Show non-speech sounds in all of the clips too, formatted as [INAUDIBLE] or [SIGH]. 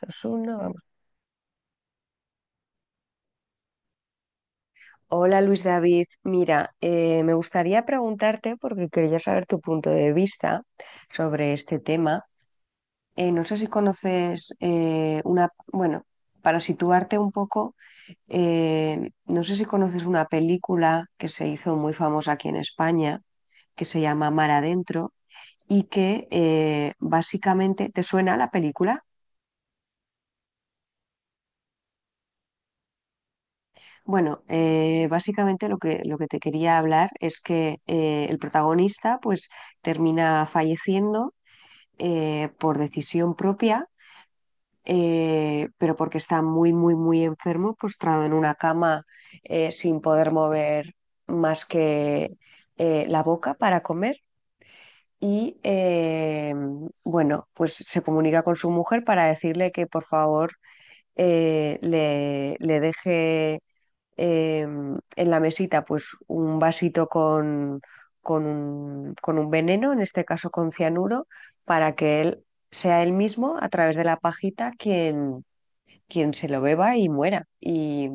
Dos, uno, vamos. Hola Luis David, mira, me gustaría preguntarte, porque quería saber tu punto de vista sobre este tema. No sé si conoces una, bueno, para situarte un poco, no sé si conoces una película que se hizo muy famosa aquí en España, que se llama Mar Adentro, y que básicamente, ¿te suena la película? Bueno, básicamente lo que te quería hablar es que el protagonista pues termina falleciendo por decisión propia, pero porque está muy, muy, muy enfermo, postrado en una cama sin poder mover más que la boca para comer. Y bueno, pues se comunica con su mujer para decirle que por favor le deje eh, en la mesita pues un vasito con un veneno, en este caso con cianuro, para que él sea él mismo a través de la pajita quien, quien se lo beba y muera. Y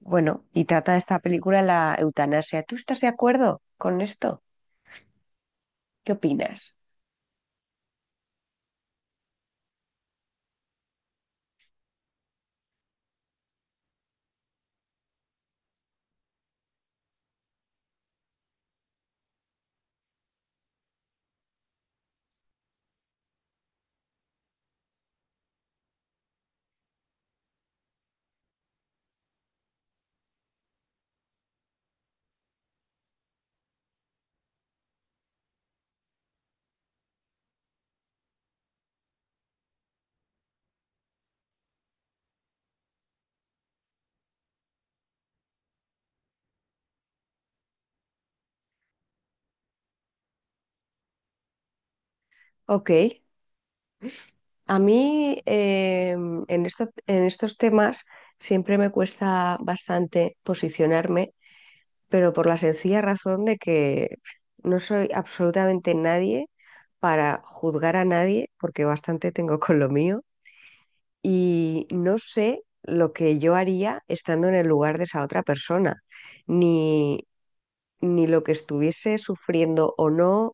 bueno, y trata esta película la eutanasia. ¿Tú estás de acuerdo con esto? ¿Qué opinas? Ok. A mí en en estos temas siempre me cuesta bastante posicionarme, pero por la sencilla razón de que no soy absolutamente nadie para juzgar a nadie, porque bastante tengo con lo mío, y no sé lo que yo haría estando en el lugar de esa otra persona, ni, ni lo que estuviese sufriendo o no,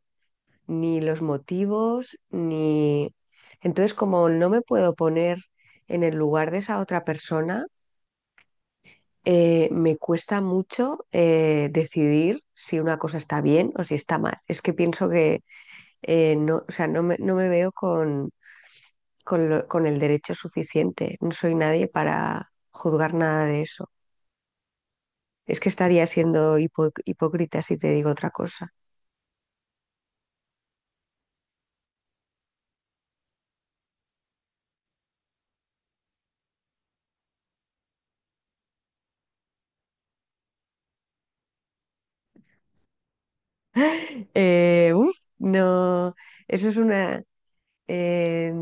ni los motivos, ni... Entonces, como no me puedo poner en el lugar de esa otra persona, me cuesta mucho decidir si una cosa está bien o si está mal. Es que pienso que no, o sea, no me veo con, con el derecho suficiente. No soy nadie para juzgar nada de eso. Es que estaría siendo hipócrita si te digo otra cosa. [LAUGHS] No, eso es una... eh,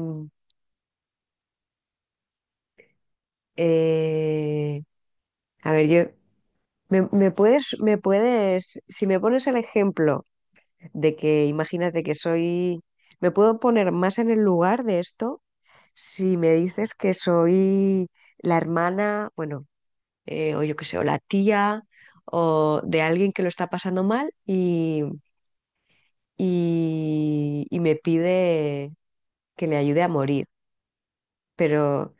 eh, a ver, yo... ¿Me, me puedes, si me pones el ejemplo de que imagínate que soy, me puedo poner más en el lugar de esto si me dices que soy la hermana, bueno, o yo qué sé, o la tía, o de alguien que lo está pasando mal y me pide que le ayude a morir. Pero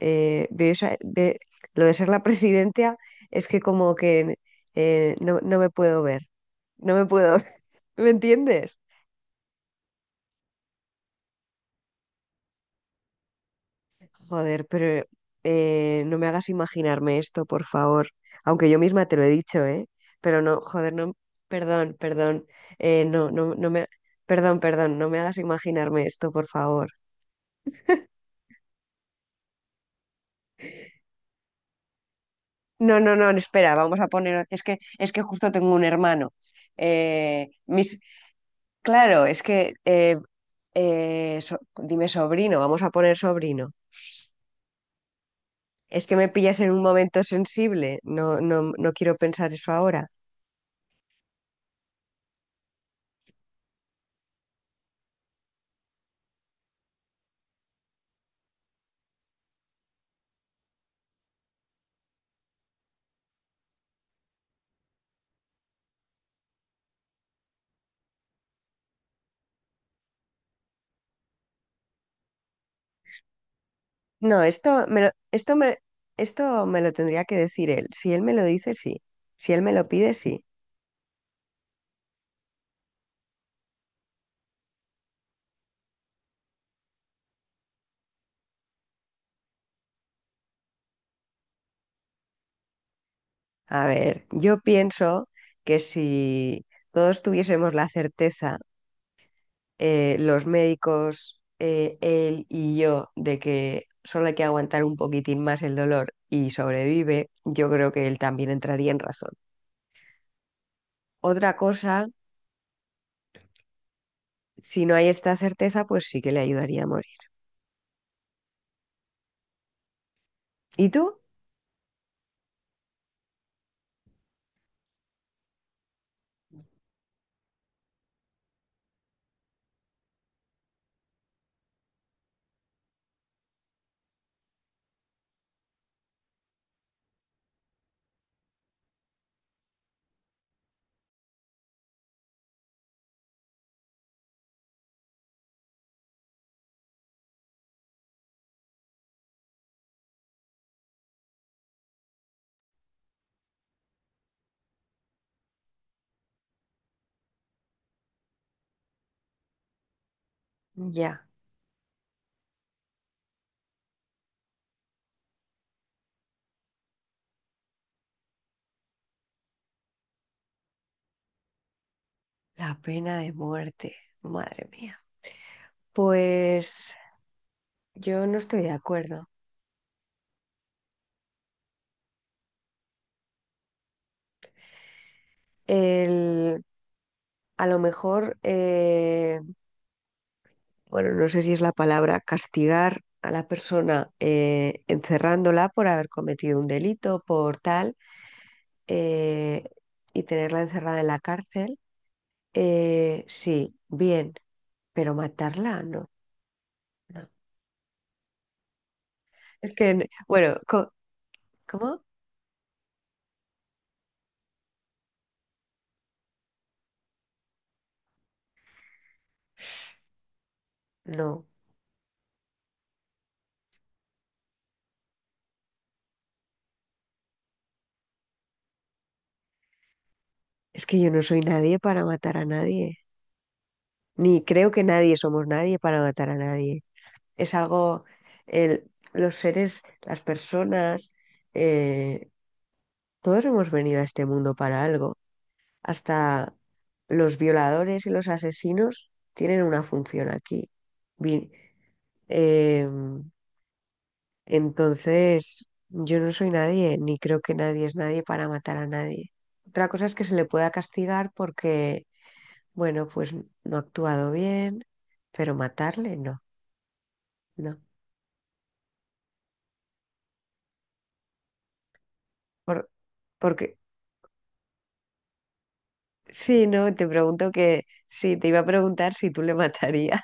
veo lo de ser la presidenta es que como que no, no me puedo ver, no me puedo, [LAUGHS] ¿me entiendes? Joder, pero no me hagas imaginarme esto, por favor. Aunque yo misma te lo he dicho, ¿eh? Pero no, joder, no, perdón, perdón, no, no, perdón, perdón, no me hagas imaginarme esto, por favor. No, no, no, espera, vamos a poner, es que justo tengo un hermano. Eh, mis, claro, dime sobrino, vamos a poner sobrino. Es que me pillas en un momento sensible, no, no, no quiero pensar eso ahora. No, esto me lo tendría que decir él. Si él me lo dice, sí. Si él me lo pide, sí. A ver, yo pienso que si todos tuviésemos la certeza, los médicos, él y yo, de que solo hay que aguantar un poquitín más el dolor y sobrevive, yo creo que él también entraría en razón. Otra cosa, si no hay esta certeza, pues sí que le ayudaría a morir. ¿Y tú? Ya, la pena de muerte. Madre mía. Pues yo no estoy de acuerdo. El, a lo mejor, bueno, no sé si es la palabra, castigar a la persona encerrándola por haber cometido un delito, por tal, eh, y tenerla encerrada en la cárcel, sí, bien, pero matarla, no, no. Es que, n- bueno, co- ¿cómo? No, es que yo no soy nadie para matar a nadie, ni creo que nadie somos nadie para matar a nadie. Es algo, los seres, las personas, eh, todos hemos venido a este mundo para algo. Hasta los violadores y los asesinos tienen una función aquí. Vi- em, entonces, yo no soy nadie, ni creo que nadie es nadie para matar a nadie. Otra cosa es que se le pueda castigar porque, bueno, pues no ha actuado bien, pero matarle no, no. Por- porque sí, no, te pregunto que sí, te iba a preguntar si tú le [LAUGHS] matarías.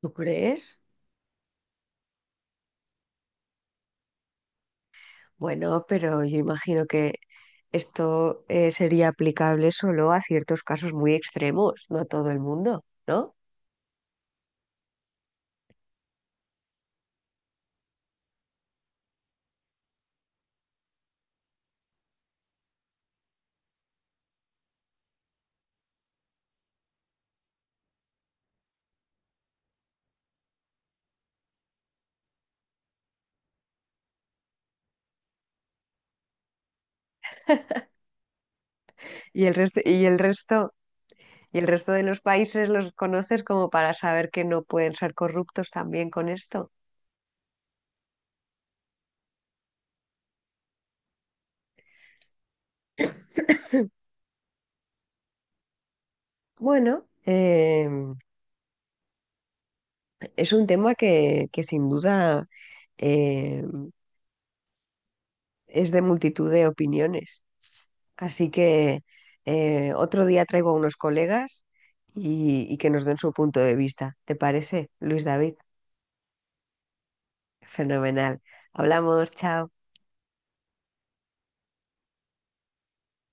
¿Tú crees? Bueno, pero yo imagino que esto sería aplicable solo a ciertos casos muy extremos, no a todo el mundo, ¿no? Y el resto, y el resto, y el resto de los países los conoces como para saber que no pueden ser corruptos también con esto. Bueno, es un tema que sin duda... em, es de multitud de opiniones. Así que otro día traigo a unos colegas y que nos den su punto de vista. ¿Te parece, Luis David? Fenomenal. Hablamos, chao.